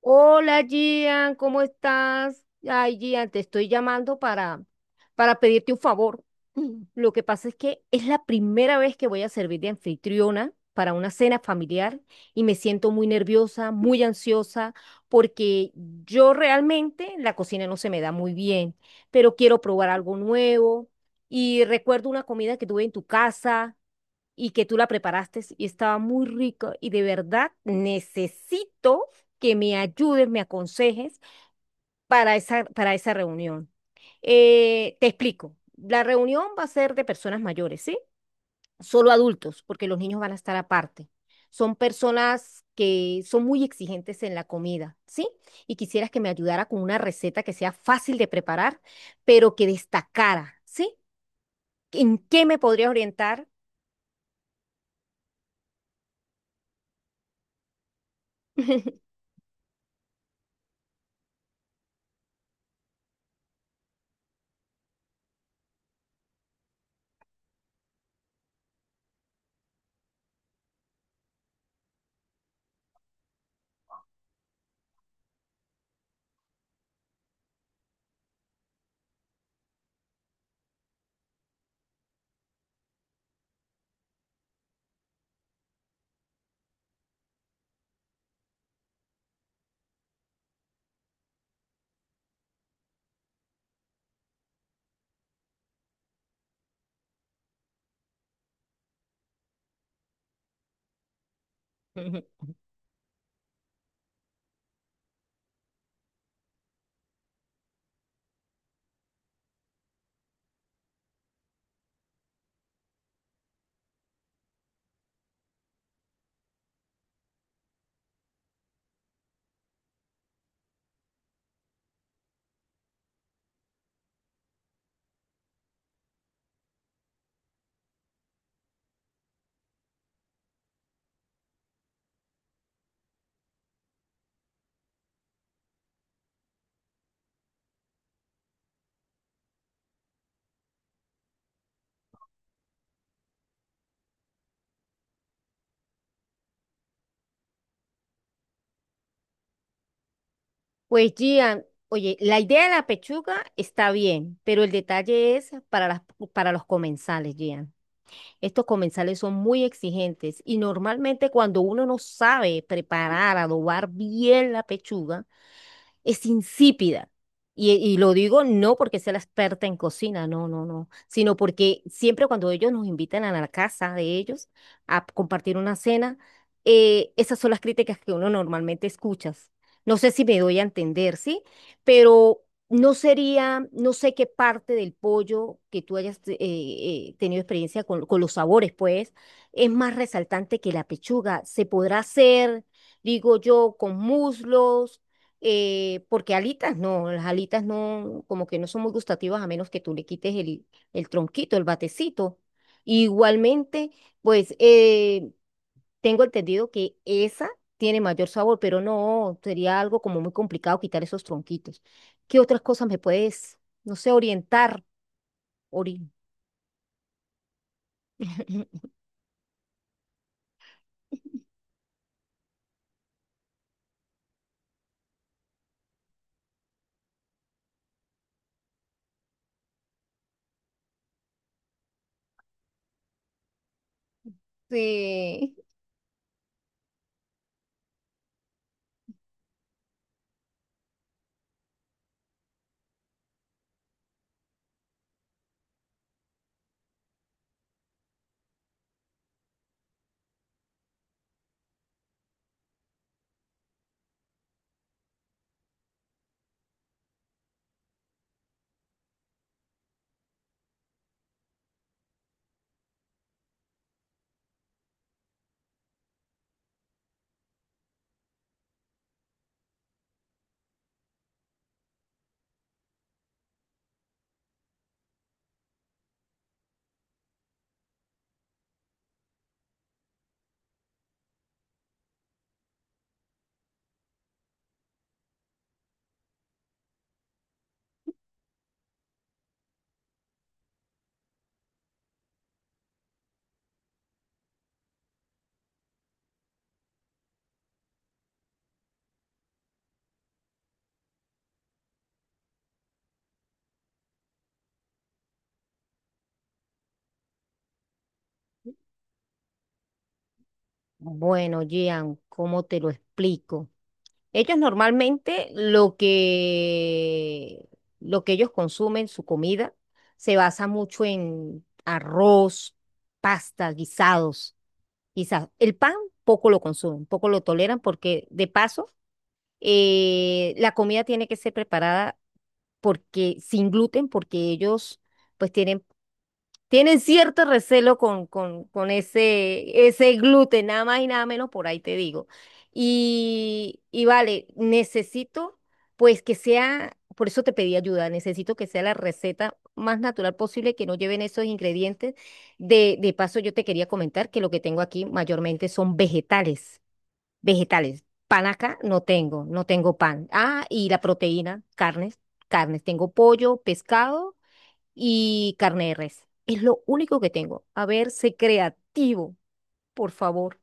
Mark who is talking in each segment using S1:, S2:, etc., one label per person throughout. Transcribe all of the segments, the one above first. S1: Hola Gian, ¿cómo estás? Ay, Gian, te estoy llamando para pedirte un favor. Lo que pasa es que es la primera vez que voy a servir de anfitriona para una cena familiar y me siento muy nerviosa, muy ansiosa, porque yo realmente la cocina no se me da muy bien, pero quiero probar algo nuevo y recuerdo una comida que tuve en tu casa y que tú la preparaste y estaba muy rico y de verdad necesito que me ayudes, me aconsejes para esa reunión. Te explico, la reunión va a ser de personas mayores, ¿sí? Solo adultos, porque los niños van a estar aparte. Son personas que son muy exigentes en la comida, ¿sí? Y quisieras que me ayudara con una receta que sea fácil de preparar, pero que destacara, ¿sí? ¿En qué me podrías orientar? Pues Gian, oye, la idea de la pechuga está bien, pero el detalle es para para los comensales, Gian. Estos comensales son muy exigentes y normalmente cuando uno no sabe preparar, adobar bien la pechuga, es insípida. Y lo digo no porque sea la experta en cocina, no, no, no, sino porque siempre cuando ellos nos invitan a la casa de ellos a compartir una cena, esas son las críticas que uno normalmente escucha. No sé si me doy a entender, ¿sí? Pero no sería, no sé qué parte del pollo que tú hayas tenido experiencia con los sabores, pues, es más resaltante que la pechuga. Se podrá hacer, digo yo, con muslos porque alitas no, las alitas no, como que no son muy gustativas a menos que tú le quites el tronquito, el batecito. Igualmente, pues tengo entendido que esa tiene mayor sabor, pero no, sería algo como muy complicado quitar esos tronquitos. ¿Qué otras cosas me puedes, no sé, orientar? Ori- Sí. Bueno, Gian, ¿cómo te lo explico? Ellos normalmente lo que ellos consumen, su comida, se basa mucho en arroz, pasta, guisados, quizás. El pan poco lo consumen, poco lo toleran porque de paso la comida tiene que ser preparada porque sin gluten, porque ellos pues tienen tienen cierto recelo con ese gluten, nada más y nada menos, por ahí te digo. Y vale, necesito pues que sea, por eso te pedí ayuda, necesito que sea la receta más natural posible, que no lleven esos ingredientes. De paso, yo te quería comentar que lo que tengo aquí mayormente son vegetales. Pan acá no tengo, no tengo pan. Ah, y la proteína, carnes. Tengo pollo, pescado y carne de res. Es lo único que tengo. A ver, sé creativo, por favor.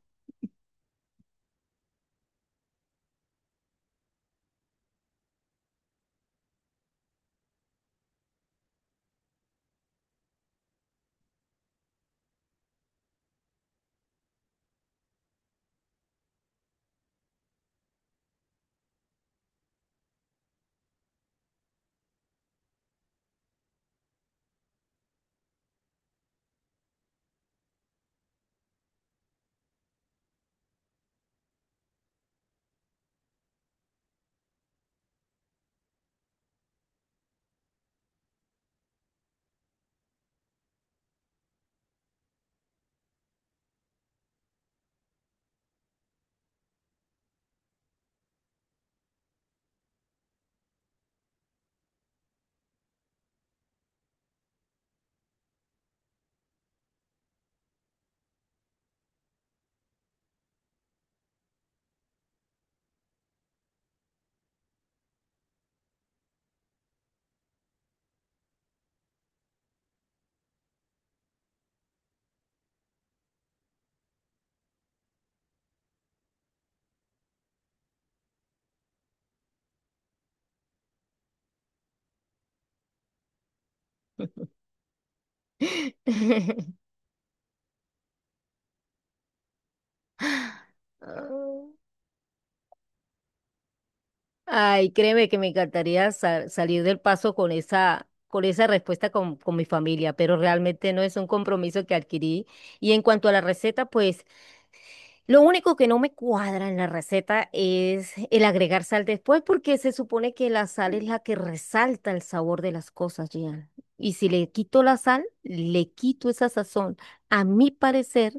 S1: Ay, créeme que me encantaría salir del paso con con esa respuesta con mi familia, pero realmente no es un compromiso que adquirí. Y en cuanto a la receta, pues lo único que no me cuadra en la receta es el agregar sal después, porque se supone que la sal es la que resalta el sabor de las cosas, Gian. Y si le quito la sal, le quito esa sazón, a mi parecer.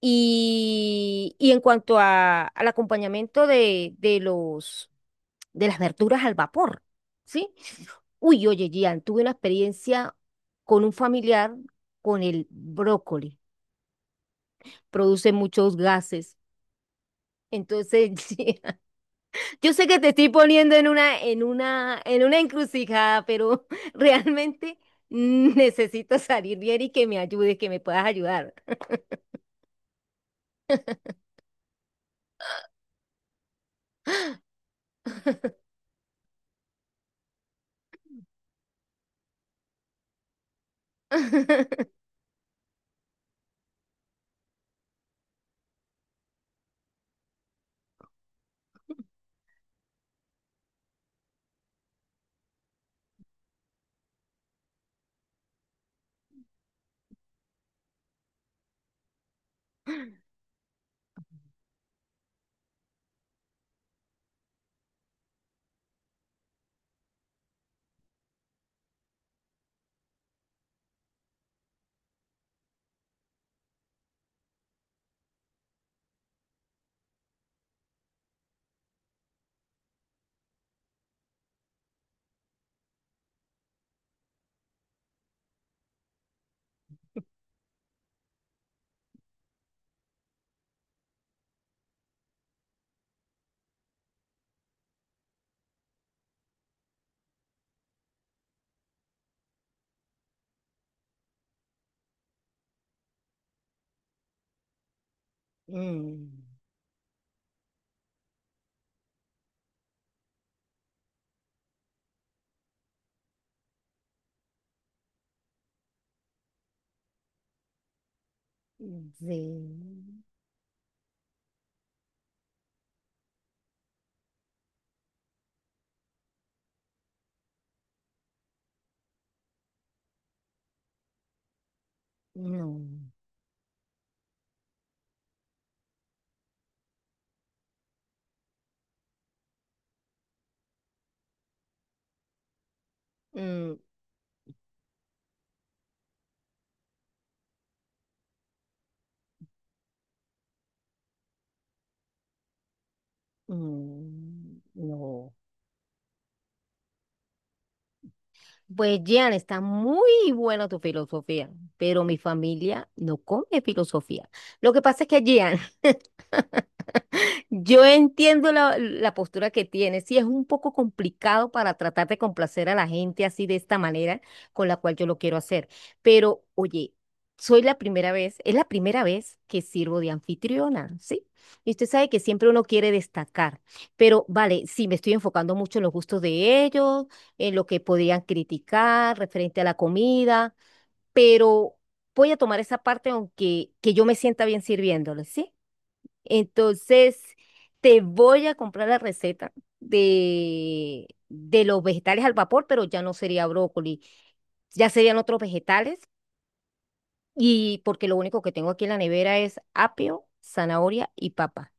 S1: Y en cuanto a, al acompañamiento de las verduras al vapor, ¿sí? Uy, oye, Gian, tuve una experiencia con un familiar con el brócoli. Produce muchos gases. Entonces, yo sé que te estoy poniendo en en una encrucijada, pero realmente necesito salir bien y que me ayudes, que me puedas ayudar. Mm, sí, no, mm, mm, no. Pues Jean, está muy buena tu filosofía, pero mi familia no come filosofía. Lo que pasa es que Jean yo entiendo la postura que tienes. Sí, es un poco complicado para tratar de complacer a la gente así de esta manera con la cual yo lo quiero hacer. Pero, oye, soy la primera vez, es la primera vez que sirvo de anfitriona, ¿sí? Y usted sabe que siempre uno quiere destacar. Pero, vale, sí, me estoy enfocando mucho en los gustos de ellos, en lo que podían criticar referente a la comida, pero voy a tomar esa parte aunque que yo me sienta bien sirviéndoles, ¿sí? Entonces, te voy a comprar la receta de los vegetales al vapor, pero ya no sería brócoli, ya serían otros vegetales y porque lo único que tengo aquí en la nevera es apio, zanahoria y papa.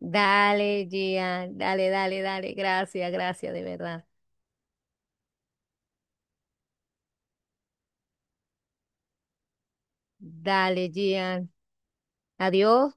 S1: Dale, Gian, dale, dale, dale, gracias, gracias, de verdad. Dale, Gian, adiós.